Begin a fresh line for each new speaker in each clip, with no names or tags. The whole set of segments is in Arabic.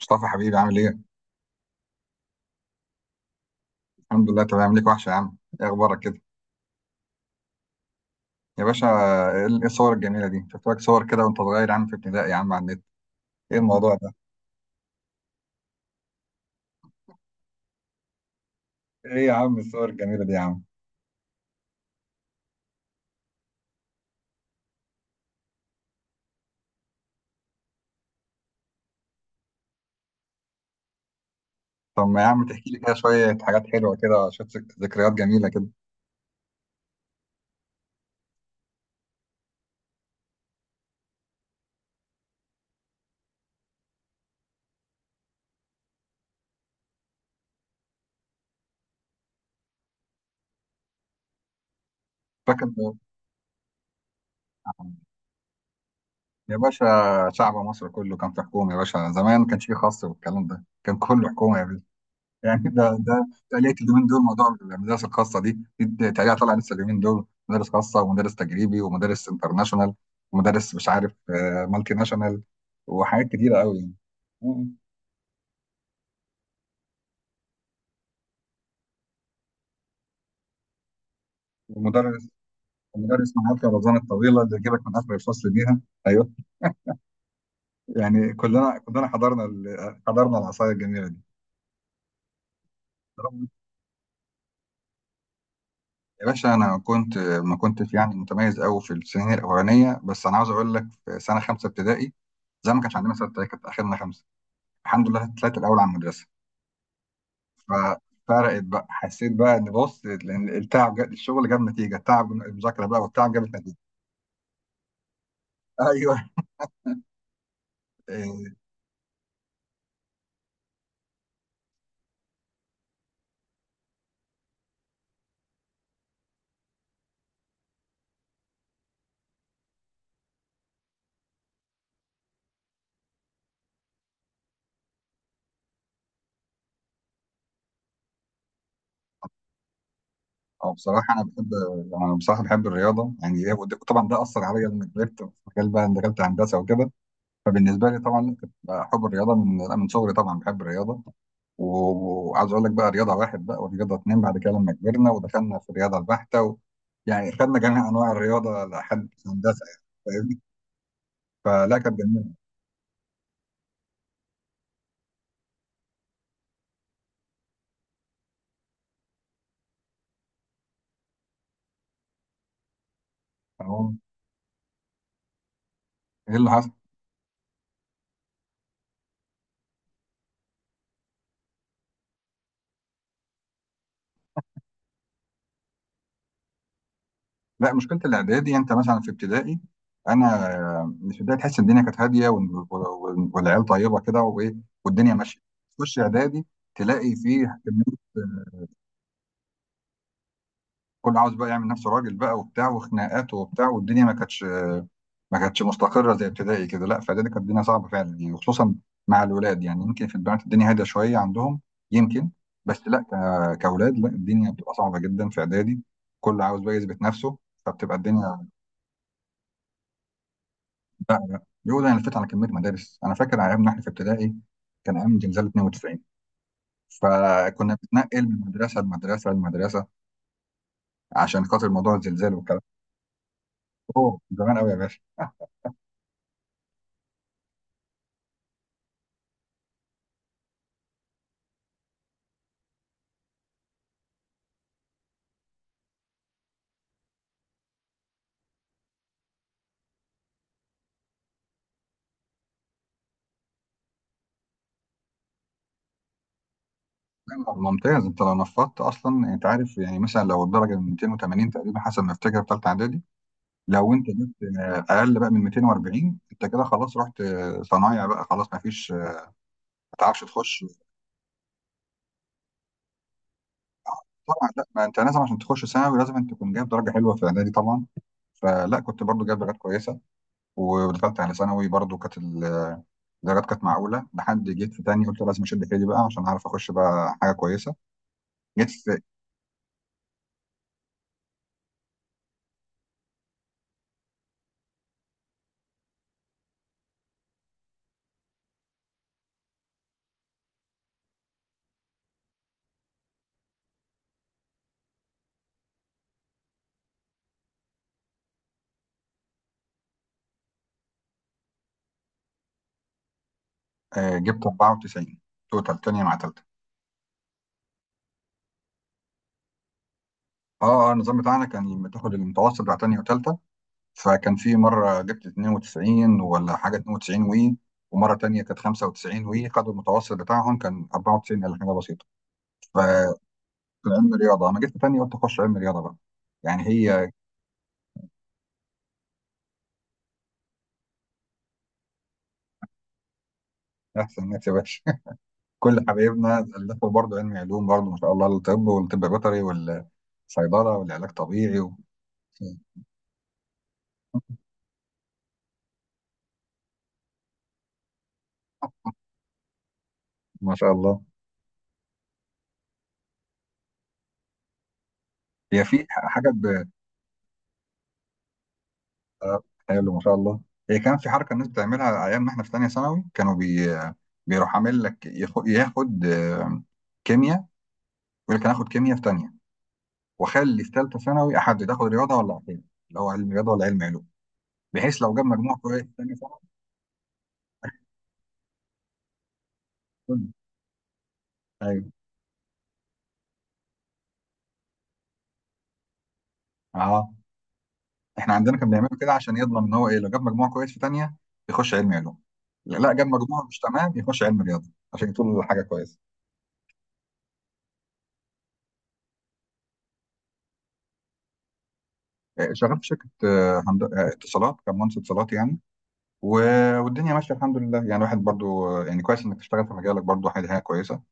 مصطفى حبيبي عامل ايه؟ الحمد لله تمام ليك وحشة يا عم، ايه اخبارك كده؟ يا باشا. إيه الصور الجميلة دي؟ شفت لك صور كده وانت صغير يا عم في ابتدائي يا عم على النت، ايه الموضوع ده؟ ايه يا عم الصور الجميلة دي يا عم؟ طب ما يا عم تحكي لي كده شوية حاجات حلوة كده شوية ذكريات جميلة كده. فاكر. يا باشا، شعب مصر كله كان في حكومة يا باشا، زمان ما كانش فيه خاص والكلام ده، كان كله حكومة يا باشا. يعني ده تقليد اليومين دول، موضوع المدارس الخاصه دي تقليد طالع لسه اليومين دول، مدرس خاصه ومدرس تجريبي ومدرس انترناشونال ومدرس مش عارف مالتي ناشونال، وحاجات كتيره قوي يعني. مم. ومدرس ومدرس معاك الرزانه الطويله اللي يجيبك من اخر الفصل بيها. ايوه، يعني كلنا حضرنا العصايه الجميله دي. يا باشا، انا كنت ما كنتش يعني متميز قوي في السنين الاولانيه، بس انا عاوز اقول لك في سنه خمسه ابتدائي، زي ما كانش عندنا سته كانت اخرنا خمسه، الحمد لله طلعت الاول على المدرسه. ففرقت بقى، حسيت بقى ان، بص، لان التعب الشغل جاب نتيجه، التعب المذاكره بقى والتعب جابت نتيجه. ايوه. إيه، اه بصراحه انا بحب انا بصراحه بحب الرياضه، طبعا ده اثر عليا لما كبرت في مجال بقى، إن دخلت هندسه وكده. فبالنسبه لي طبعا كنت حب الرياضه من لا، من صغري، طبعا بحب الرياضه. وعاوز اقول لك بقى، رياضه واحد بقى ورياضه اتنين، بعد كده لما كبرنا ودخلنا في الرياضه البحته و... يعني خدنا جميع انواع الرياضه لحد هندسه يعني، فاهمني؟ فلا، كانت جميله. أهو. ايه اللي حصل؟ لا، مشكله الاعدادي، يعني انت مثلا في ابتدائي، انا مش ابتدائي، تحس الدنيا كانت هاديه والعيال طيبه كده وايه، والدنيا ماشيه. تخش اعدادي تلاقي فيه كميه، كل عاوز بقى يعمل نفسه راجل بقى وبتاع وخناقات وبتاع، والدنيا ما كانتش مستقره زي ابتدائي كده. لا، في اعدادي كانت الدنيا صعبه فعلا يعني، وخصوصا مع الولاد، يعني يمكن في البنات الدنيا هاديه شويه عندهم يمكن، بس لا كاولاد لا، الدنيا بتبقى صعبه جدا في اعدادي، كل عاوز بقى يثبت نفسه، فبتبقى الدنيا. لا لا، يقول انا لفيت على كميه مدارس. انا فاكر ايامنا احنا في ابتدائي كان ايام زلزال 92، فكنا بنتنقل من مدرسه لمدرسه لمدرسه عشان خاطر موضوع الزلزال والكلام. اوه، زمان قوي يا باشا. لا، ممتاز، انت لو نفضت اصلا انت عارف يعني، مثلا لو الدرجه من 280 تقريبا حسب ما افتكر في ثالثه اعدادي، لو انت جبت اقل بقى من 240 انت كده خلاص رحت صنايع بقى، خلاص ما فيش ما تعرفش تخش. طبعا لا، ما انت لازم عشان تخش ثانوي لازم انت تكون جايب درجه حلوه في اعدادي طبعا، فلا كنت برضو جايب درجات كويسه، ودخلت على ثانوي برضو كانت الدرجات كانت معقوله، لحد جيت في تاني قلت لازم اشد حيلي بقى عشان اعرف اخش بقى حاجه كويسه. جيت في جبت 94 توتال، تانية مع تالتة. اه النظام بتاعنا كان بتاخد المتوسط بتاع تانية وتالتة، فكان في مره جبت 92 ولا حاجه، 92 وي، ومره تانية كانت 95 وي، خدوا المتوسط بتاعهم كان 94 ولا حاجه بسيطه. فكان علم رياضه، انا جيت في تانية قلت اخش علم رياضه بقى، يعني هي. احسن ناس يا باشا، كل حبايبنا ألفوا برضه علم علوم برضه، ما شاء الله، الطب والطب بيطري والصيدلة والعلاج طبيعي و... ما شاء الله. هي في حاجة ب... آه، حلو ما شاء الله. هي كان في حركة الناس بتعملها أيام ما إحنا في تانية ثانوي، كانوا بي... بيروح عامل لك ياخد, ياخد كيمياء، يقول لك أنا هاخد كيمياء في تانية، وأخلي في تالتة ثانوي أحدد آخد رياضة ولا عقيدة، اللي هو علم رياضة ولا علم علوم، بحيث لو جاب مجموع كويس في تانية ثانوي. كله. أيوه. أه، احنا عندنا كان بيعملوا كده عشان يضمن ان هو ايه، لو جاب مجموع كويس في تانية يخش علم علوم، لا لا، جاب مجموع مش تمام يخش علم رياضه، عشان يطول حاجه كويسه. شغال في شركه اتصالات، كان مهندس اتصالات يعني، والدنيا ماشيه الحمد لله، يعني واحد برضو يعني كويس انك تشتغل في مجالك برضو، حاجه حاجة كويسه،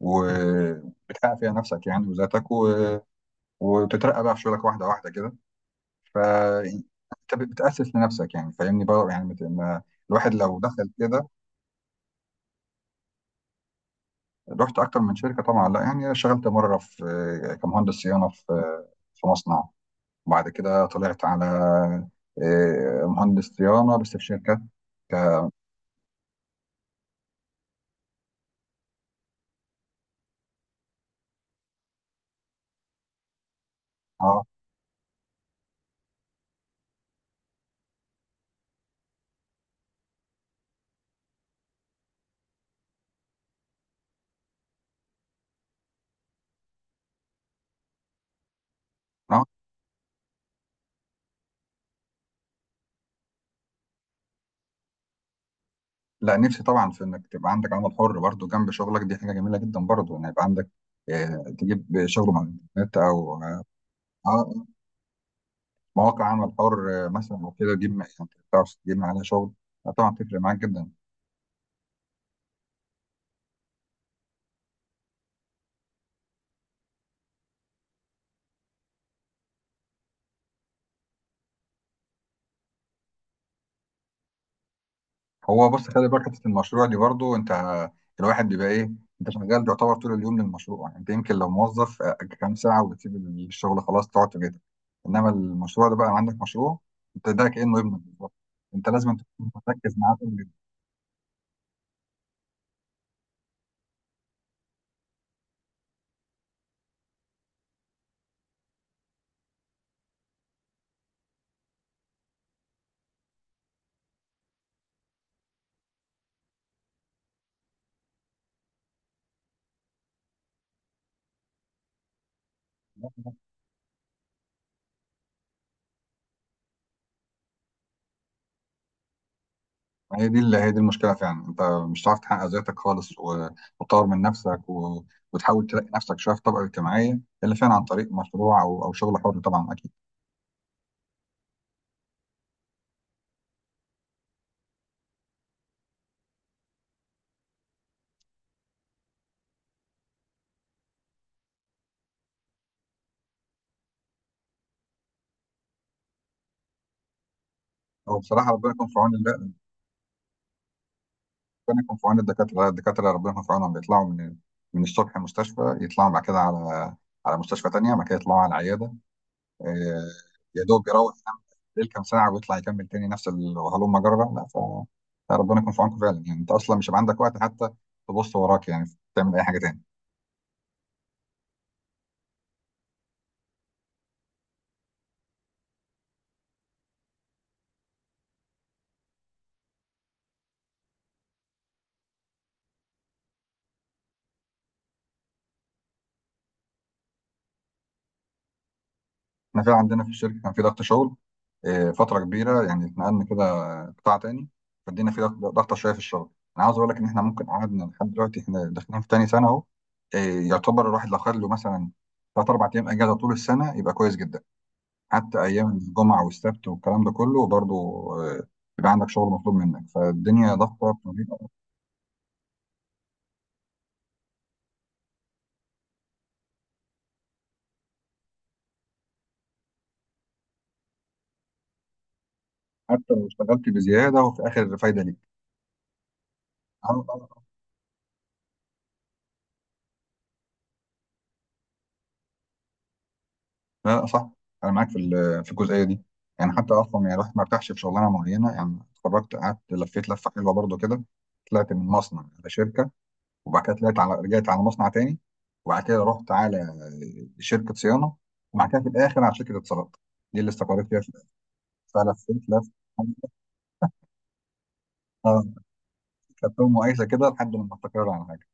وبتحقق فيها نفسك يعني وذاتك وتترقى بقى في شغلك واحده واحده كده. ف يعني انت بتاسس لنفسك يعني، فاهمني بقى يعني الواحد لو دخل كده. رحت اكتر من شركه طبعا، لا يعني اشتغلت مره في كمهندس صيانه في في مصنع، وبعد كده طلعت على مهندس صيانه بس في شركات ك- اه. اه، لا نفسي طبعا في انك تبقى عندك عمل حر برضو جنب شغلك، دي حاجه جميله جدا برضو ان يبقى عندك تجيب شغل من الانترنت او اه آه، مواقع عمل حر مثلا او كده، تجيب يعني تعرف تجيب عليها شغل. طبعا تفرق معاك جدا. هو بص، خلي بالك حته المشروع دي برضو، انت الواحد بيبقى ايه، انت شغال يعتبر طول اليوم للمشروع، يعني انت يمكن لو موظف كام ساعه وبتسيب الشغل، خلاص تقعد تجد، انما المشروع ده بقى عندك مشروع، انت ده كانه ابنك بالظبط، انت لازم تكون مركز معاه طول اليوم. هي دي المشكله فعلا، انت مش هتعرف تحقق ذاتك خالص وتطور من نفسك و... وتحاول تلاقي نفسك شويه في طبقه اجتماعيه، الا فعلا عن طريق مشروع او شغل حر طبعا، اكيد. هو بصراحه ربنا يكون في عون، ربنا يكون في عون الدكاترة، الدكاترة ربنا يكون في عونهم، بيطلعوا من الصبح مستشفى، يطلعوا بعد كده على على مستشفى تانية، بعد كده يطلعوا على العيادة. آه، يا دوب يروح ينام ليل كام ساعة، ويطلع يكمل تاني نفس الهلوم جرة. لا ف- فربنا يكون في عونكم فعلا، يعني انت اصلا مش هيبقى عندك وقت حتى تبص وراك يعني تعمل اي حاجة تاني. احنا فعلا عندنا في الشركه كان في ضغط شغل فتره كبيره، يعني اتنقلنا كده قطاع تاني، فدينا في ضغط، ضغطه شويه في الشغل. انا عاوز اقول لك ان احنا ممكن قعدنا لحد دلوقتي، احنا داخلين في تاني سنه اهو، يعتبر الواحد لو خد له مثلا ثلاث اربع ايام اجازه طول السنه يبقى كويس جدا، حتى ايام الجمعه والسبت والكلام ده كله برضه. آه، يبقى عندك شغل مطلوب منك، فالدنيا ضغطه بطريقة- حتى لو اشتغلت بزياده وفي الاخر فايده ليك. لا لا، صح، انا معاك في في الجزئيه دي، يعني حتى اصلا يعني الواحد ما ارتاحش في شغلانه معينه يعني. اتخرجت قعدت لفيت لفه حلوه برضو كده، طلعت من مصنع على شركه، وبعد كده طلعت على، رجعت على مصنع تاني، وبعد كده رحت على شركه صيانه، وبعد كده في الاخر على شركه اتصالات، دي اللي استقريت فيها في الآخر. فلفيت لف، اه، خدتهم مقايسه كده لحد ما استقر على حاجه،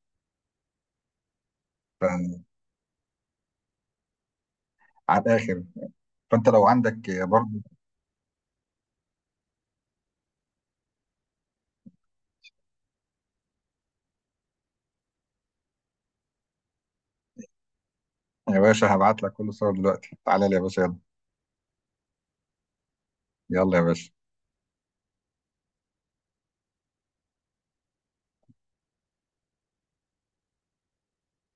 على الاخر. فانت لو عندك برضو. يا باشا هبعت لك كل الصور دلوقتي، تعالى لي يا باشا، يلا. يلا يا باشا.